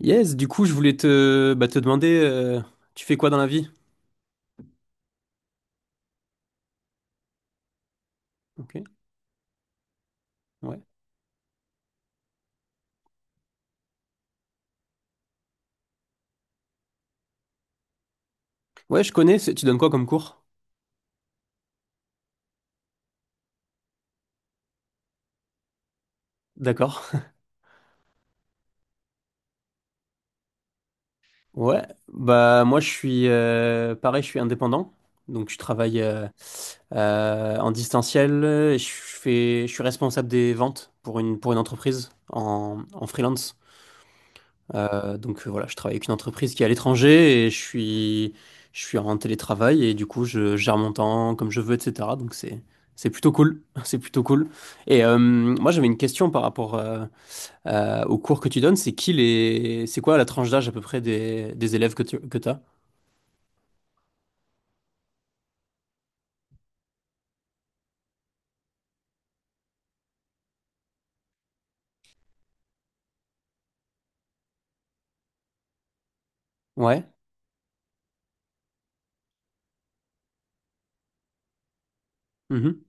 Yes, du coup, je voulais te demander, tu fais quoi dans la vie? Ok, ouais. Ouais, je connais, tu donnes quoi comme cours? D'accord. Ouais, bah moi je suis pareil, je suis indépendant. Donc je travaille en distanciel, je suis responsable des ventes pour une entreprise en freelance. Donc voilà, je travaille avec une entreprise qui est à l'étranger et je suis en télétravail et du coup je gère mon temps comme je veux, etc. Donc c'est plutôt cool, c'est plutôt cool. Et moi j'avais une question par rapport au cours que tu donnes, c'est quoi la tranche d'âge à peu près des élèves que t'as? Ouais. Mhm.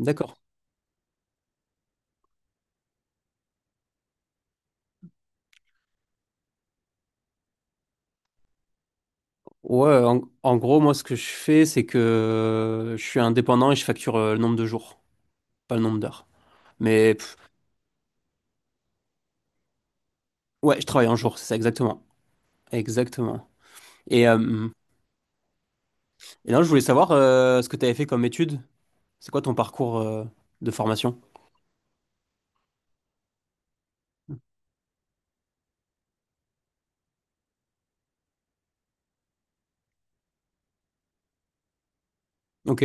D'accord. Ouais, en gros moi ce que je fais c'est que je suis indépendant et je facture le nombre de jours, pas le nombre d'heures. Mais ouais, je travaille en jour, c'est ça exactement, exactement. Et, euh, et là, je voulais savoir ce que tu avais fait comme étude. C'est quoi ton parcours de formation? Ok.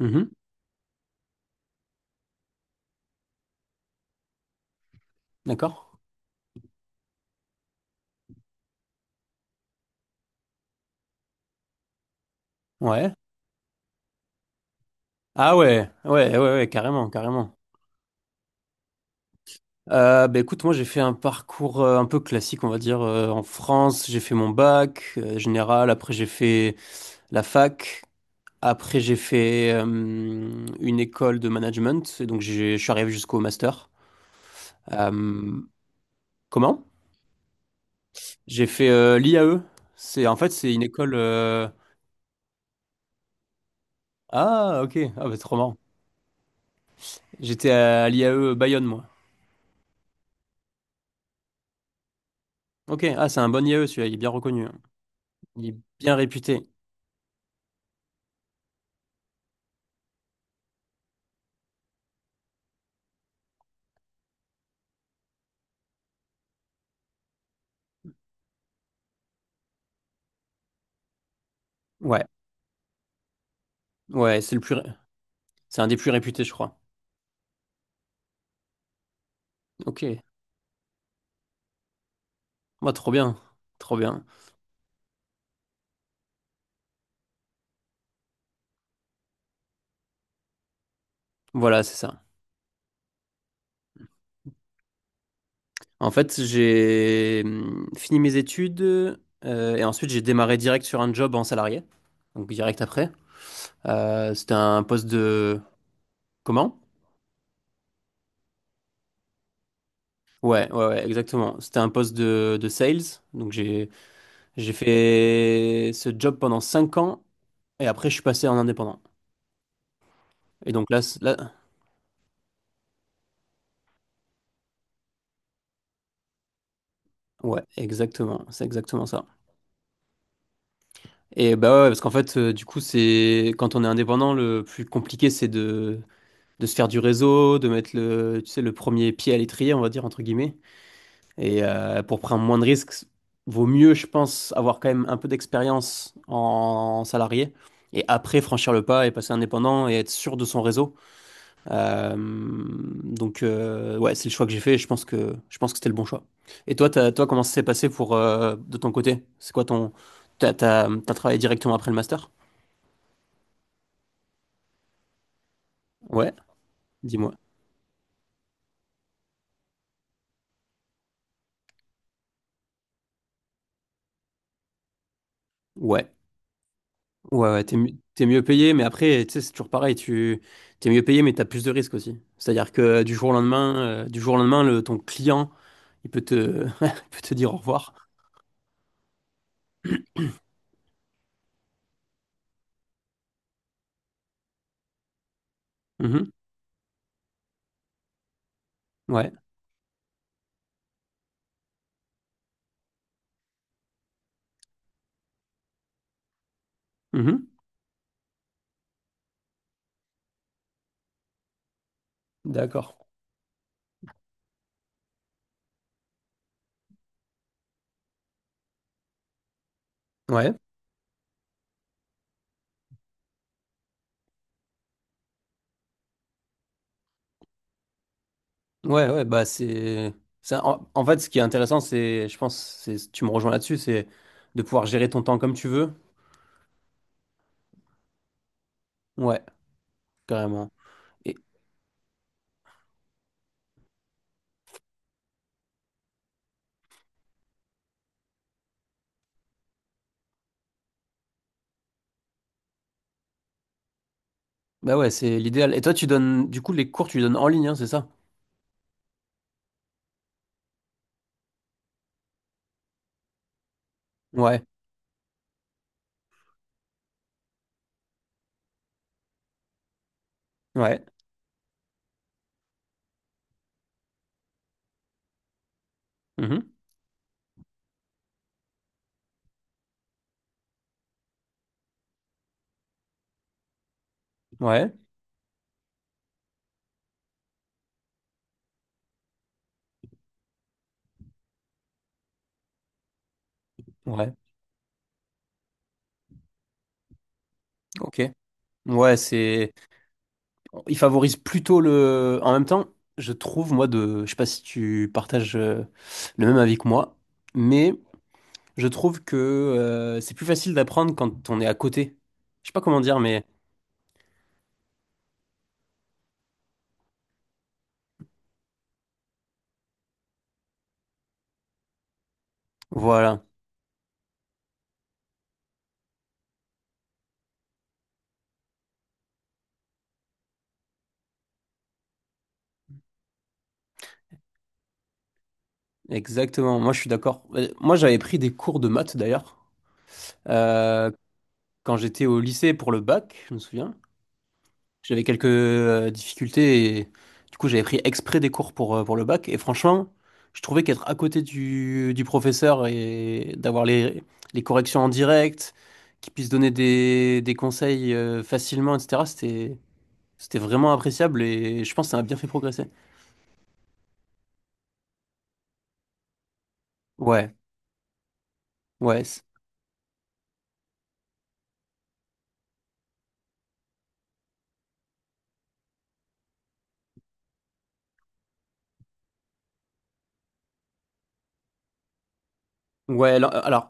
Mhm. D'accord. Ouais. Ah ouais, ouais, ouais, ouais, carrément, carrément. Bah écoute, moi j'ai fait un parcours un peu classique, on va dire, en France. J'ai fait mon bac général, après j'ai fait la fac, après j'ai fait une école de management, et donc je suis arrivé jusqu'au master. Euh, Comment? J'ai fait l'IAE. C'est en fait c'est une école. Ah, ok. Ah, bah, trop marrant. J'étais à l'IAE Bayonne, moi. Ok. Ah, c'est un bon IAE, celui-là. Il est bien reconnu, hein. Il est bien réputé. Ouais. Ouais, c'est un des plus réputés, je crois. Ok. Moi, trop bien. Trop bien. Voilà, c'est ça. En fait, j'ai fini mes études et ensuite, j'ai démarré direct sur un job en salarié. Donc, direct après. C'était un poste de... Comment? Ouais, ouais, ouais, exactement. C'était un poste de sales. Donc, j'ai fait ce job pendant 5 ans. Et après, je suis passé en indépendant. Et donc là, ouais, exactement, c'est exactement ça. Et bah ouais, ouais, parce qu'en fait, du coup, c'est quand on est indépendant, le plus compliqué, c'est de se faire du réseau, de mettre le, tu sais, le premier pied à l'étrier, on va dire entre guillemets. Et pour prendre moins de risques, vaut mieux, je pense, avoir quand même un peu d'expérience en salarié et après franchir le pas et passer indépendant et être sûr de son réseau. Donc, ouais, c'est le choix que j'ai fait et je pense que c'était le bon choix. Et toi, toi, comment ça s'est passé pour, de ton côté? C'est quoi ton. T'as travaillé directement après le master? Ouais, dis-moi. Ouais, ouais, ouais, t'es mieux payé, mais après, tu sais, c'est toujours pareil, t'es mieux payé, mais t'as plus de risques aussi. C'est-à-dire que du jour au lendemain, du jour au lendemain, ton client, il peut te, il peut te dire au revoir. Mhm. Ouais. Mhm. D'accord. Ouais. Ouais, ouais, bah c'est. En fait, ce qui est intéressant, c'est, je pense, c'est, tu me rejoins là-dessus, c'est de pouvoir gérer ton temps comme tu veux. Ouais, carrément. Et bah ouais, c'est l'idéal. Et toi, tu donnes, du coup, les cours, tu les donnes en ligne, hein, c'est ça? Ouais, ouais. Mhm. Ouais, ouais, ok. Ouais, c'est. Il favorise plutôt le. En même temps, je trouve, moi, de. Je sais pas si tu partages le même avis que moi, mais je trouve que c'est plus facile d'apprendre quand on est à côté. Je sais pas comment dire, mais. Voilà, exactement. Moi, je suis d'accord. Moi, j'avais pris des cours de maths d'ailleurs euh, quand j'étais au lycée pour le bac, je me souviens. J'avais quelques difficultés et du coup, j'avais pris exprès des cours pour le bac. Et franchement, je trouvais qu'être à côté du professeur et d'avoir les corrections en direct, qu'il puisse donner des conseils facilement, etc., c'était vraiment appréciable et je pense que ça m'a bien fait progresser. Ouais, ouais. Ouais, alors.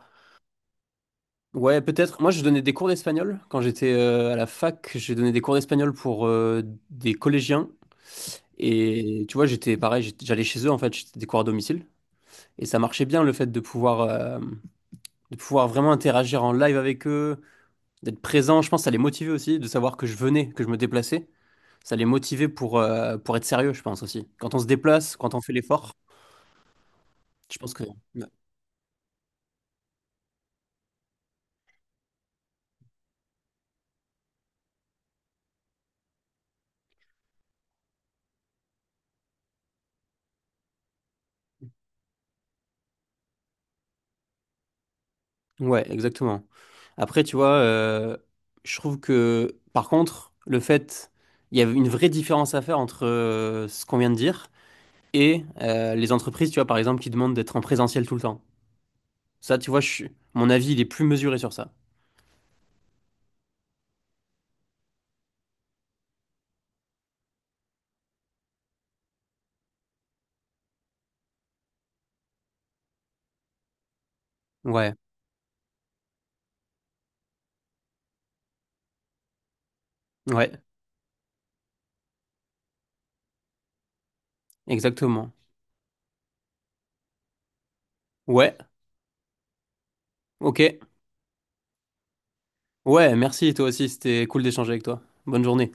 Ouais, peut-être. Moi, je donnais des cours d'espagnol. Quand j'étais à la fac, j'ai donné des cours d'espagnol pour des collégiens. Et tu vois, j'étais pareil, j'allais chez eux, en fait, j'étais des cours à domicile. Et ça marchait bien le fait de pouvoir vraiment interagir en live avec eux, d'être présent. Je pense que ça les motivait aussi, de savoir que je venais, que je me déplaçais. Ça les motivait pour être sérieux, je pense aussi. Quand on se déplace, quand on fait l'effort, je pense que... Ouais, exactement. Après, tu vois, je trouve que, par contre, le fait, il y a une vraie différence à faire entre ce qu'on vient de dire et les entreprises, tu vois, par exemple, qui demandent d'être en présentiel tout le temps. Ça, tu vois, mon avis, il est plus mesuré sur ça. Ouais, ouais, exactement. Ouais, ok. Ouais, merci, toi aussi, c'était cool d'échanger avec toi. Bonne journée.